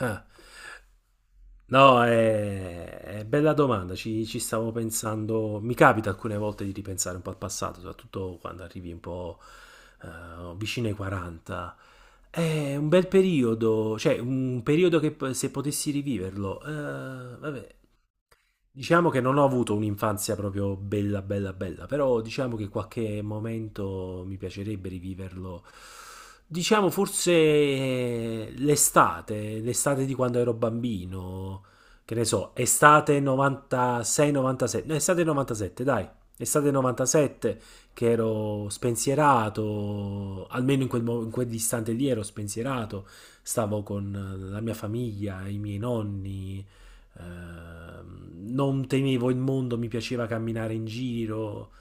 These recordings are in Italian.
Eh, no, è bella domanda, ci stavo pensando, mi capita alcune volte di ripensare un po' al passato, soprattutto quando arrivi un po' vicino ai 40. È un bel periodo, cioè un periodo che se potessi riviverlo, vabbè. Diciamo che non ho avuto un'infanzia proprio bella, bella, bella, però diciamo che qualche momento mi piacerebbe riviverlo. Diciamo forse l'estate, l'estate di quando ero bambino, che ne so, estate 96-97, no, estate 97, dai, estate 97, che ero spensierato, almeno in in quell'istante lì ero spensierato, stavo con la mia famiglia, i miei nonni. Non temevo il mondo, mi piaceva camminare in giro.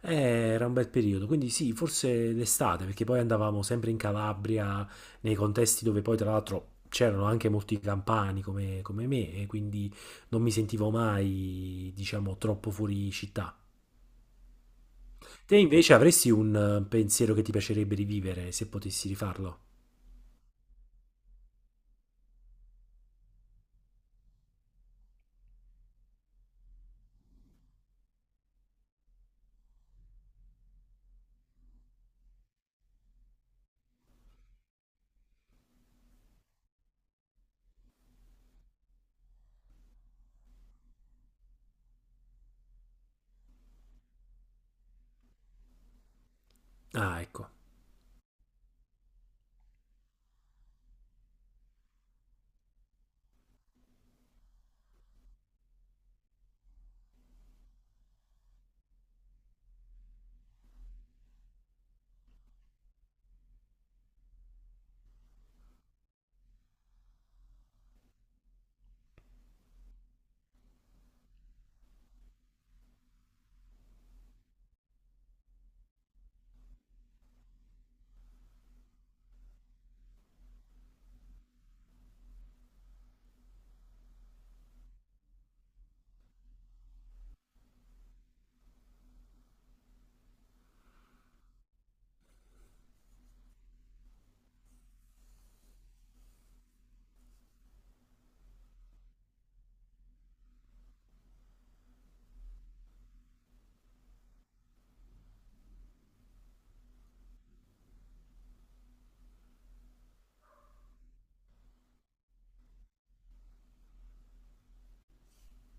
Era un bel periodo, quindi sì, forse l'estate, perché poi andavamo sempre in Calabria, nei contesti dove poi tra l'altro c'erano anche molti campani come me, e quindi non mi sentivo mai, diciamo, troppo fuori città. Te invece avresti un pensiero che ti piacerebbe rivivere se potessi rifarlo? Ah, ecco.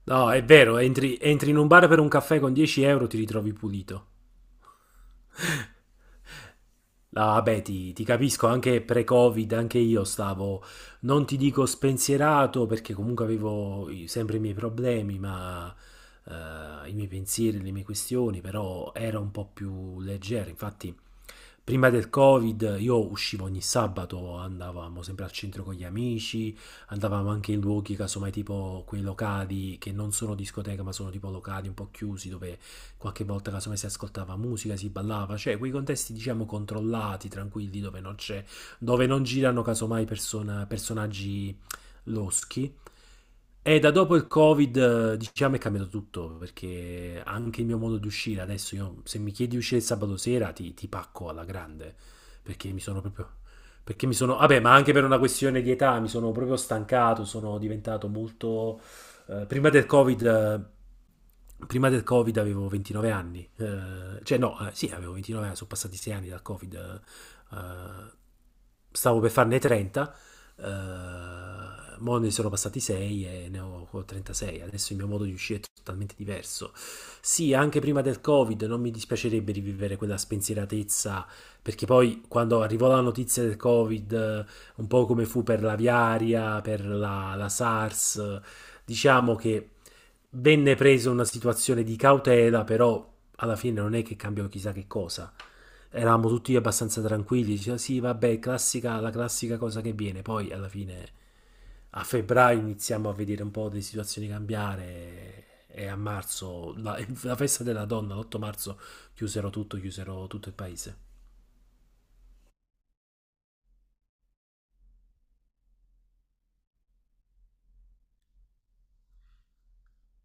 No, è vero, entri in un bar per un caffè con 10 euro, ti ritrovi pulito. Ah, beh, ti capisco, anche pre-Covid, anche io stavo, non ti dico spensierato perché comunque avevo sempre i miei problemi, ma i miei pensieri, le mie questioni, però era un po' più leggero. Infatti, prima del Covid io uscivo ogni sabato, andavamo sempre al centro con gli amici, andavamo anche in luoghi, casomai tipo quei locali che non sono discoteca, ma sono tipo locali un po' chiusi dove qualche volta casomai si ascoltava musica, si ballava, cioè quei contesti diciamo controllati, tranquilli, dove non c'è, dove non girano casomai personaggi loschi. E da dopo il Covid, diciamo, è cambiato tutto, perché anche il mio modo di uscire, adesso io, se mi chiedi di uscire il sabato sera, ti pacco alla grande, perché mi sono proprio... Perché mi sono... vabbè, ma anche per una questione di età, mi sono proprio stancato, sono diventato molto. eh, prima del Covid... eh, Prima del Covid avevo 29 anni, cioè no, sì, avevo 29 anni, sono passati 6 anni dal Covid, stavo per farne 30, eh, mo ne sono passati 6 e ne ho 36, adesso il mio modo di uscire è totalmente diverso. Sì, anche prima del Covid non mi dispiacerebbe rivivere quella spensieratezza perché poi quando arrivò la notizia del Covid, un po' come fu per l'aviaria, per la SARS, diciamo che venne presa una situazione di cautela, però alla fine non è che cambiò chissà che cosa. Eravamo tutti abbastanza tranquilli, diceva sì, vabbè, classica, la classica cosa che viene. Poi alla fine a febbraio iniziamo a vedere un po' le situazioni cambiare e a marzo, la, la festa della donna, l'8 marzo, chiusero tutto il paese.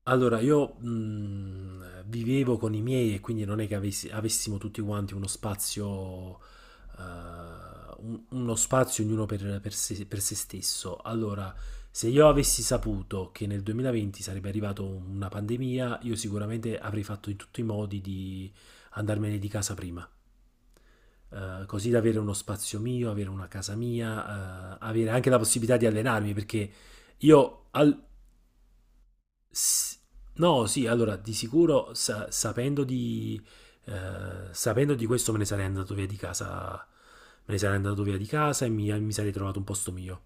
Allora, io vivevo con i miei e quindi non è che avessimo tutti quanti uno spazio, eh, uno spazio ognuno per se stesso. Allora, se io avessi saputo che nel 2020 sarebbe arrivata una pandemia, io sicuramente avrei fatto in tutti i modi di andarmene di casa prima. Così da avere uno spazio mio, avere una casa mia, avere anche la possibilità di allenarmi. Perché io al- S- No, sì, allora di sicuro sapendo di questo me ne sarei andato via di casa, me ne sarei andato via di casa e mi sarei trovato un posto mio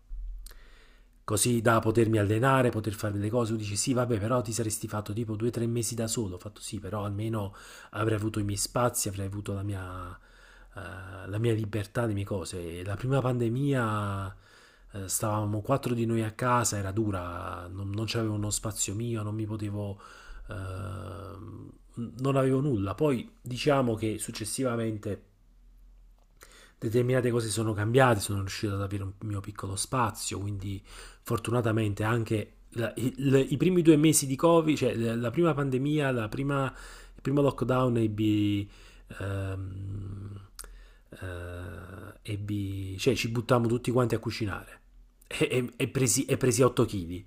così da potermi allenare, poter fare delle cose. Tu dici sì, vabbè, però ti saresti fatto tipo 2 o 3 mesi da solo. Ho fatto sì, però almeno avrei avuto i miei spazi, avrei avuto la mia libertà, le mie cose. E la prima pandemia stavamo quattro di noi a casa, era dura, non c'avevo uno spazio mio, non mi potevo... eh, non avevo nulla. Poi diciamo che successivamente determinate cose sono cambiate, sono riuscito ad avere un mio piccolo spazio, quindi fortunatamente anche i primi 2 mesi di Covid, cioè la prima pandemia, il primo lockdown, ehm, cioè ci buttammo tutti quanti a cucinare e presi 8 kg,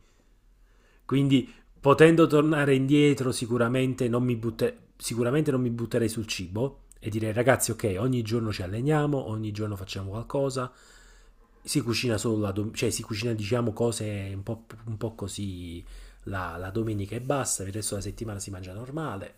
quindi potendo tornare indietro sicuramente non mi butterei sul cibo e direi ragazzi ok ogni giorno ci alleniamo, ogni giorno facciamo qualcosa, si cucina cioè si cucina diciamo cose un po' così la, la domenica e basta, per il resto della settimana si mangia normale.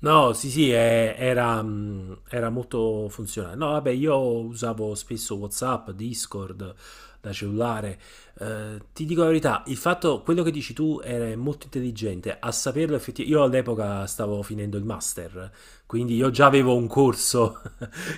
No, sì, sì, era molto funzionale. No, vabbè, io usavo spesso WhatsApp, Discord da cellulare. Ti dico la verità, il fatto, quello che dici tu era molto intelligente. A saperlo effettivamente, io all'epoca stavo finendo il master, quindi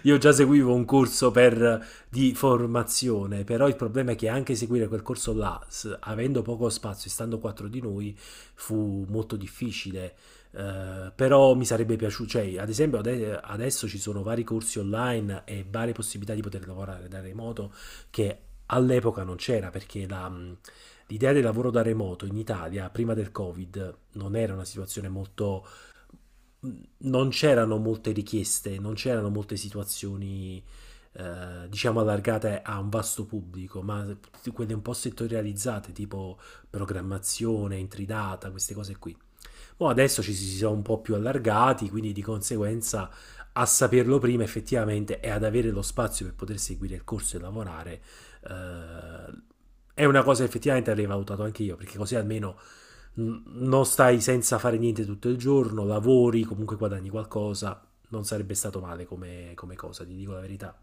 io già seguivo un corso per, di formazione, però il problema è che anche seguire quel corso là, avendo poco spazio e stando quattro di noi, fu molto difficile. Però mi sarebbe piaciuto, cioè, ad esempio, adesso ci sono vari corsi online e varie possibilità di poter lavorare da remoto che all'epoca non c'era perché l'idea del lavoro da remoto in Italia prima del Covid non era una situazione molto. Non c'erano molte richieste, non c'erano molte situazioni, diciamo, allargate a un vasto pubblico, ma quelle un po' settorializzate, tipo programmazione, intridata, queste cose qui. Mo adesso ci si sono un po' più allargati, quindi di conseguenza a saperlo prima effettivamente e ad avere lo spazio per poter seguire il corso e lavorare, eh, è una cosa effettivamente avrei valutato anche io, perché così almeno non stai senza fare niente tutto il giorno, lavori, comunque guadagni qualcosa, non sarebbe stato male come cosa, ti dico la verità.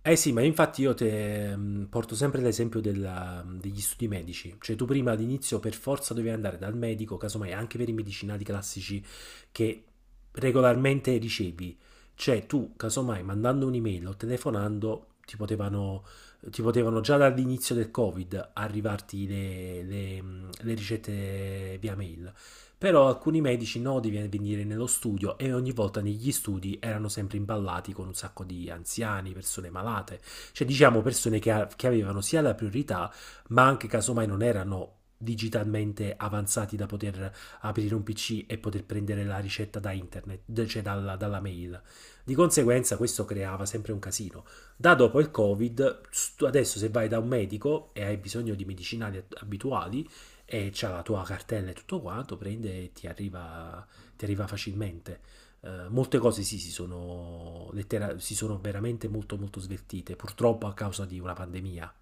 Eh sì, ma infatti io te porto sempre l'esempio degli studi medici, cioè tu prima all'inizio per forza dovevi andare dal medico, casomai anche per i medicinali classici che regolarmente ricevi, cioè tu casomai mandando un'email o telefonando ti potevano già dall'inizio del Covid arrivarti le ricette via mail. Però alcuni medici no di venire nello studio e ogni volta negli studi erano sempre imballati con un sacco di anziani, persone malate, cioè diciamo persone che avevano sia la priorità, ma anche casomai non erano digitalmente avanzati da poter aprire un PC e poter prendere la ricetta da internet, cioè dalla, dalla mail. Di conseguenza questo creava sempre un casino. Da dopo il Covid, adesso se vai da un medico e hai bisogno di medicinali abituali, e c'ha la tua cartella e tutto quanto, prende e ti arriva facilmente. Molte cose sì, si sono, si sono veramente molto molto sveltite, purtroppo a causa di una pandemia.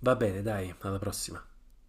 Va bene, dai, alla prossima.